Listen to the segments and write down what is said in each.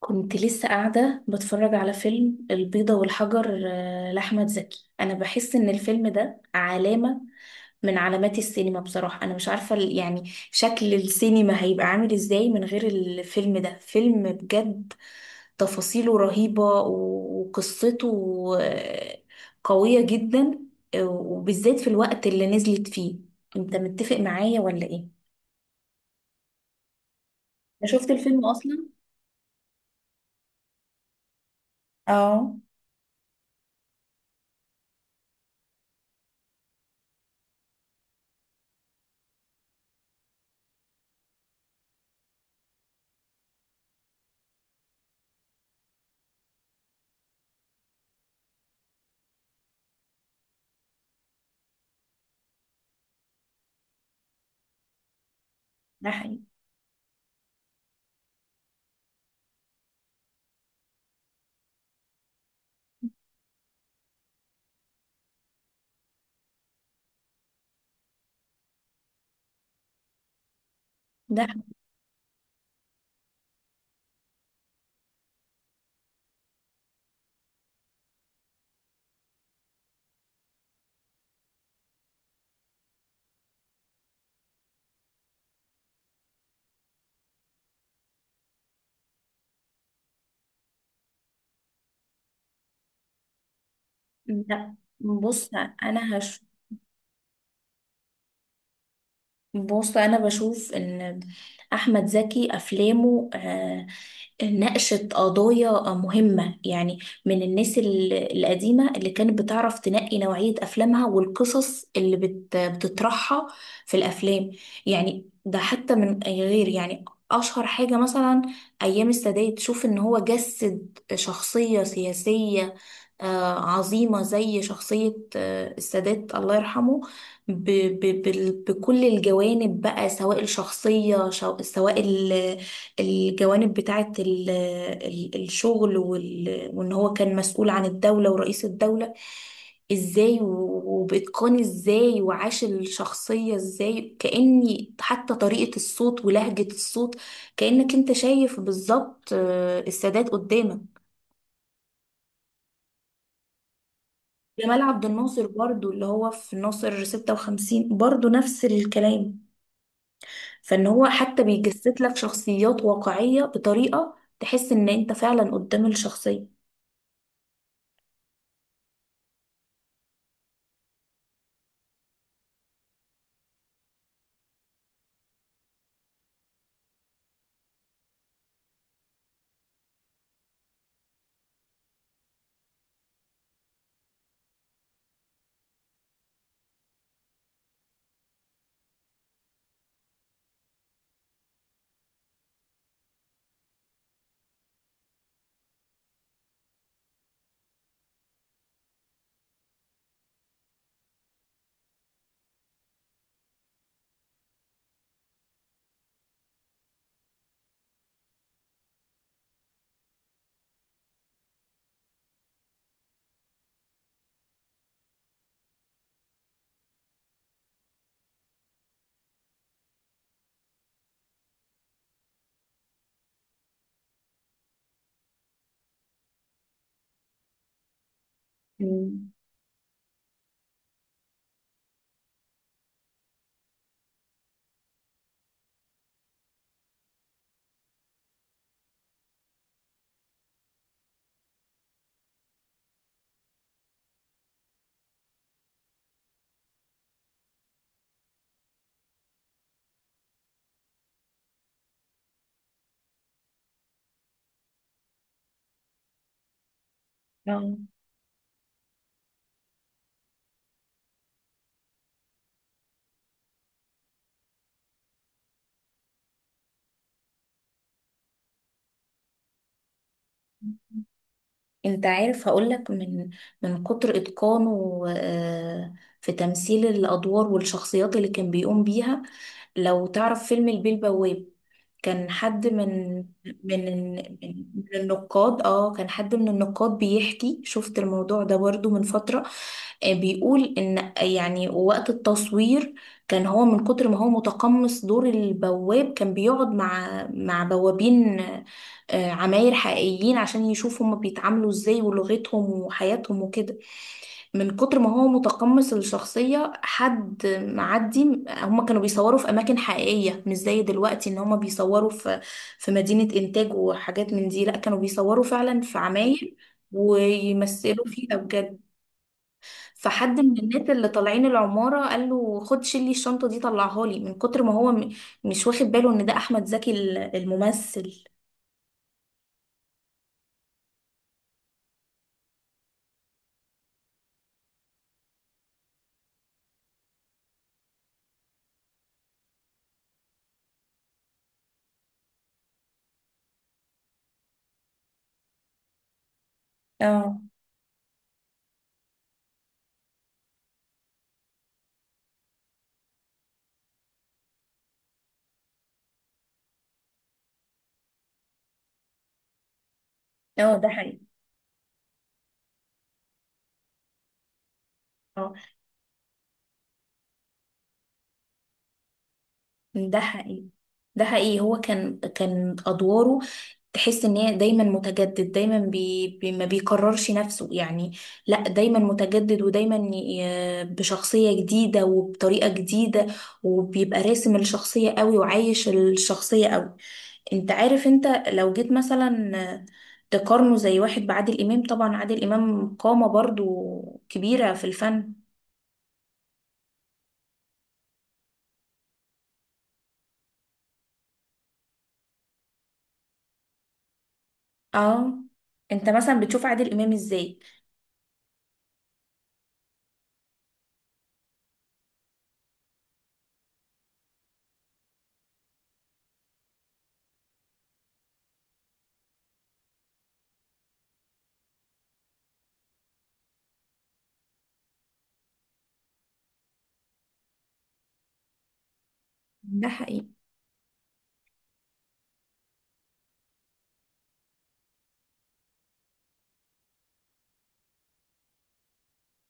كنت لسه قاعدة بتفرج على فيلم البيضة والحجر لأحمد زكي. أنا بحس إن الفيلم ده علامة من علامات السينما بصراحة. أنا مش عارفة يعني شكل السينما هيبقى عامل إزاي من غير الفيلم ده. فيلم بجد، تفاصيله رهيبة وقصته آه، قوية جدا، وبالذات في الوقت اللي نزلت فيه. أنت متفق معايا ولا إيه؟ أنا شفت الفيلم أصلا؟ اه، ده حقيقي. ده، لا، بص انا هش بص، انا بشوف ان احمد زكي افلامه ناقشت قضايا مهمة، يعني من الناس القديمة اللي كانت بتعرف تنقي نوعية أفلامها والقصص اللي بتطرحها في الأفلام. يعني ده حتى من أي غير، يعني أشهر حاجة مثلا أيام السادات. تشوف إن هو جسد شخصية سياسية عظيمة زي شخصية السادات الله يرحمه، بكل الجوانب بقى، سواء الشخصية سواء الجوانب بتاعة الشغل وإن هو كان مسؤول عن الدولة ورئيس الدولة إزاي، وبإتقان إزاي، وعاش الشخصية إزاي، كأني حتى طريقة الصوت ولهجة الصوت كأنك أنت شايف بالظبط السادات قدامك. جمال عبد الناصر برضو اللي هو في ناصر 56 برضو نفس الكلام. فإن هو حتى بيجسد لك شخصيات واقعية بطريقة تحس إن أنت فعلا قدام الشخصية. مم. اه، انت عارف، هقولك من كتر اتقانه في تمثيل الادوار والشخصيات اللي كان بيقوم بيها. لو تعرف فيلم البيه البواب، كان حد من من من النقاد. اه، كان حد من النقاد بيحكي، شفت الموضوع ده برضو من فترة، بيقول ان يعني وقت التصوير كان هو من كتر ما هو متقمص دور البواب، كان بيقعد مع بوابين عماير حقيقيين عشان يشوف هما بيتعاملوا ازاي، ولغتهم وحياتهم وكده. من كتر ما هو متقمص الشخصية، حد معدي، هما كانوا بيصوروا في أماكن حقيقية، مش زي دلوقتي إن هما بيصوروا في مدينة إنتاج وحاجات من دي. لأ، كانوا بيصوروا فعلا في عماير ويمثلوا فيها بجد. فحد من الناس اللي طالعين العمارة قال له، خد شيل لي الشنطة دي طلعها لي، من كتر ما هو مش واخد باله إن ده أحمد زكي الممثل. اه، اه، ده حقيقي. اه، ده حقيقي. ده حقيقي. هو كان ادواره، تحس ان هي دايما متجدد، دايما بي بي ما بيكررش نفسه يعني. لا، دايما متجدد، ودايما بشخصية جديدة وبطريقة جديدة، وبيبقى راسم الشخصية قوي وعايش الشخصية قوي. انت عارف، انت لو جيت مثلا تقارنه زي واحد بعادل امام، طبعا عادل امام قامة برضو كبيرة في الفن. اه، انت مثلا بتشوف عادل امام ازاي؟ ده حقيقي.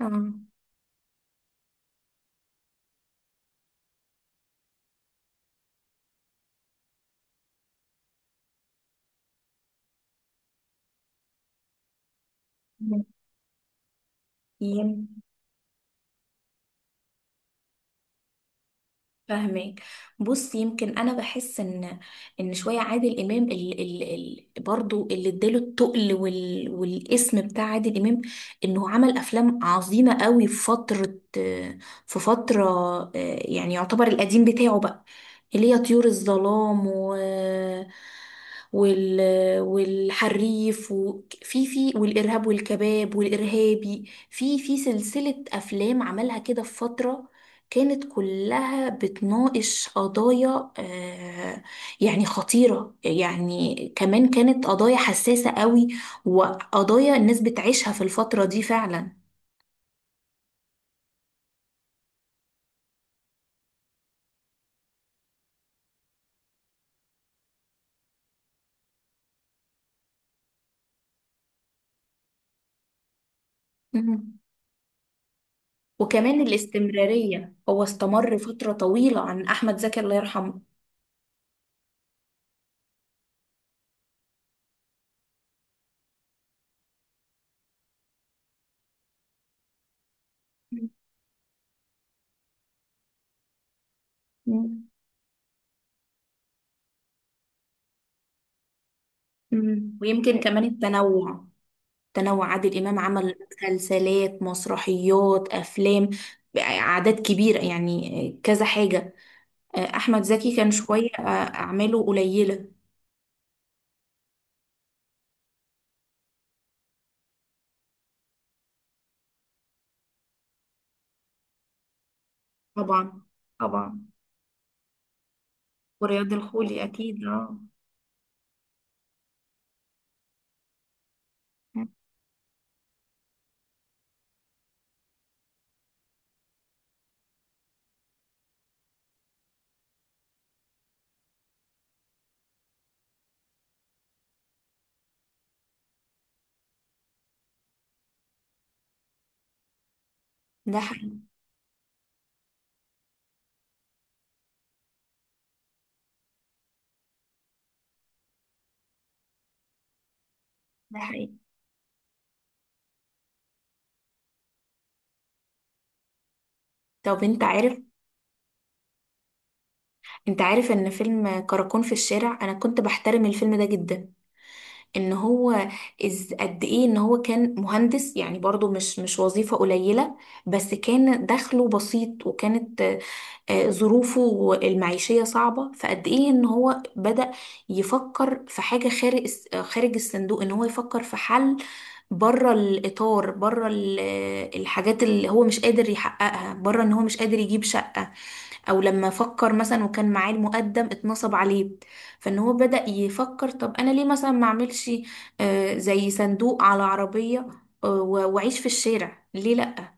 اه. ميم. فاهمك. بص، يمكن انا بحس ان شويه عادل امام ال ال ال برضو اللي اداله التقل والاسم بتاع عادل امام، انه عمل افلام عظيمه قوي في فتره، في فتره يعني يعتبر القديم بتاعه بقى، اللي هي طيور الظلام و وال والحريف، وفي في والارهاب والكباب والارهابي، في في سلسله افلام عملها كده في فتره، كانت كلها بتناقش قضايا يعني خطيرة، يعني كمان كانت قضايا حساسة قوي، وقضايا الناس بتعيشها في الفترة دي فعلا. مم. وكمان الاستمرارية، هو استمر فترة طويلة عن أحمد زكي الله يرحمه. مم. مم. مم. ويمكن كمان التنوع. تنوع عادل إمام، عمل مسلسلات، مسرحيات، أفلام، أعداد كبيرة، يعني كذا حاجة. احمد زكي كان شويه، اعماله قليله. طبعا، طبعا، ورياض الخولي اكيد. اه، ده حقيقي. ده حقيقي. طب انت عارف، ان فيلم كراكون في الشارع انا كنت بحترم الفيلم ده جدا. ان هو قد ايه ان هو كان مهندس، يعني برضو مش وظيفة قليلة، بس كان دخله بسيط، وكانت ظروفه المعيشية صعبة. فقد ايه ان هو بدأ يفكر في حاجة خارج خارج الصندوق، ان هو يفكر في حل بره الإطار، بره الحاجات اللي هو مش قادر يحققها، بره ان هو مش قادر يجيب شقة. او لما فكر مثلا وكان معاه المقدم اتنصب عليه، فان هو بدأ يفكر طب انا ليه مثلا ما اعملش زي صندوق على عربية واعيش في الشارع، ليه لا.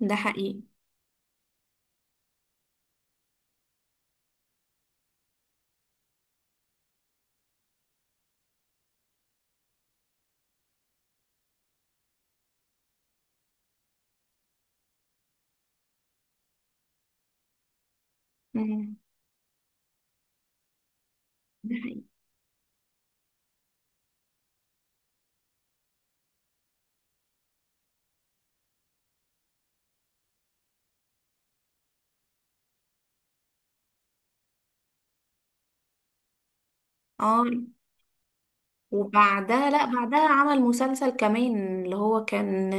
ده حقيقي. مم. ده حقيقي. اه. وبعدها، لا، بعدها عمل مسلسل كمان اللي هو كان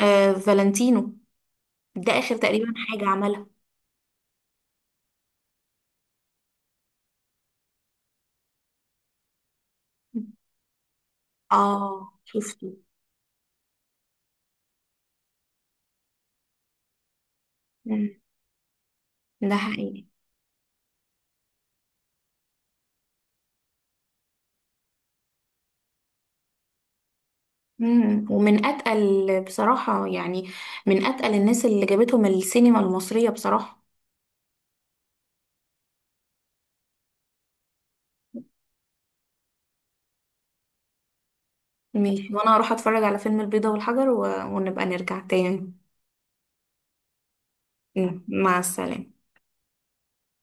فالنتينو. ده اخر تقريبا حاجة عملها. اه، شفته. مم. ده حقيقي. مم. ومن اتقل بصراحة، يعني من اتقل الناس اللي جابتهم السينما المصرية بصراحة. ماشي، وانا هروح اتفرج على فيلم البيضة والحجر ونبقى نرجع تاني. مم. مع السلامة.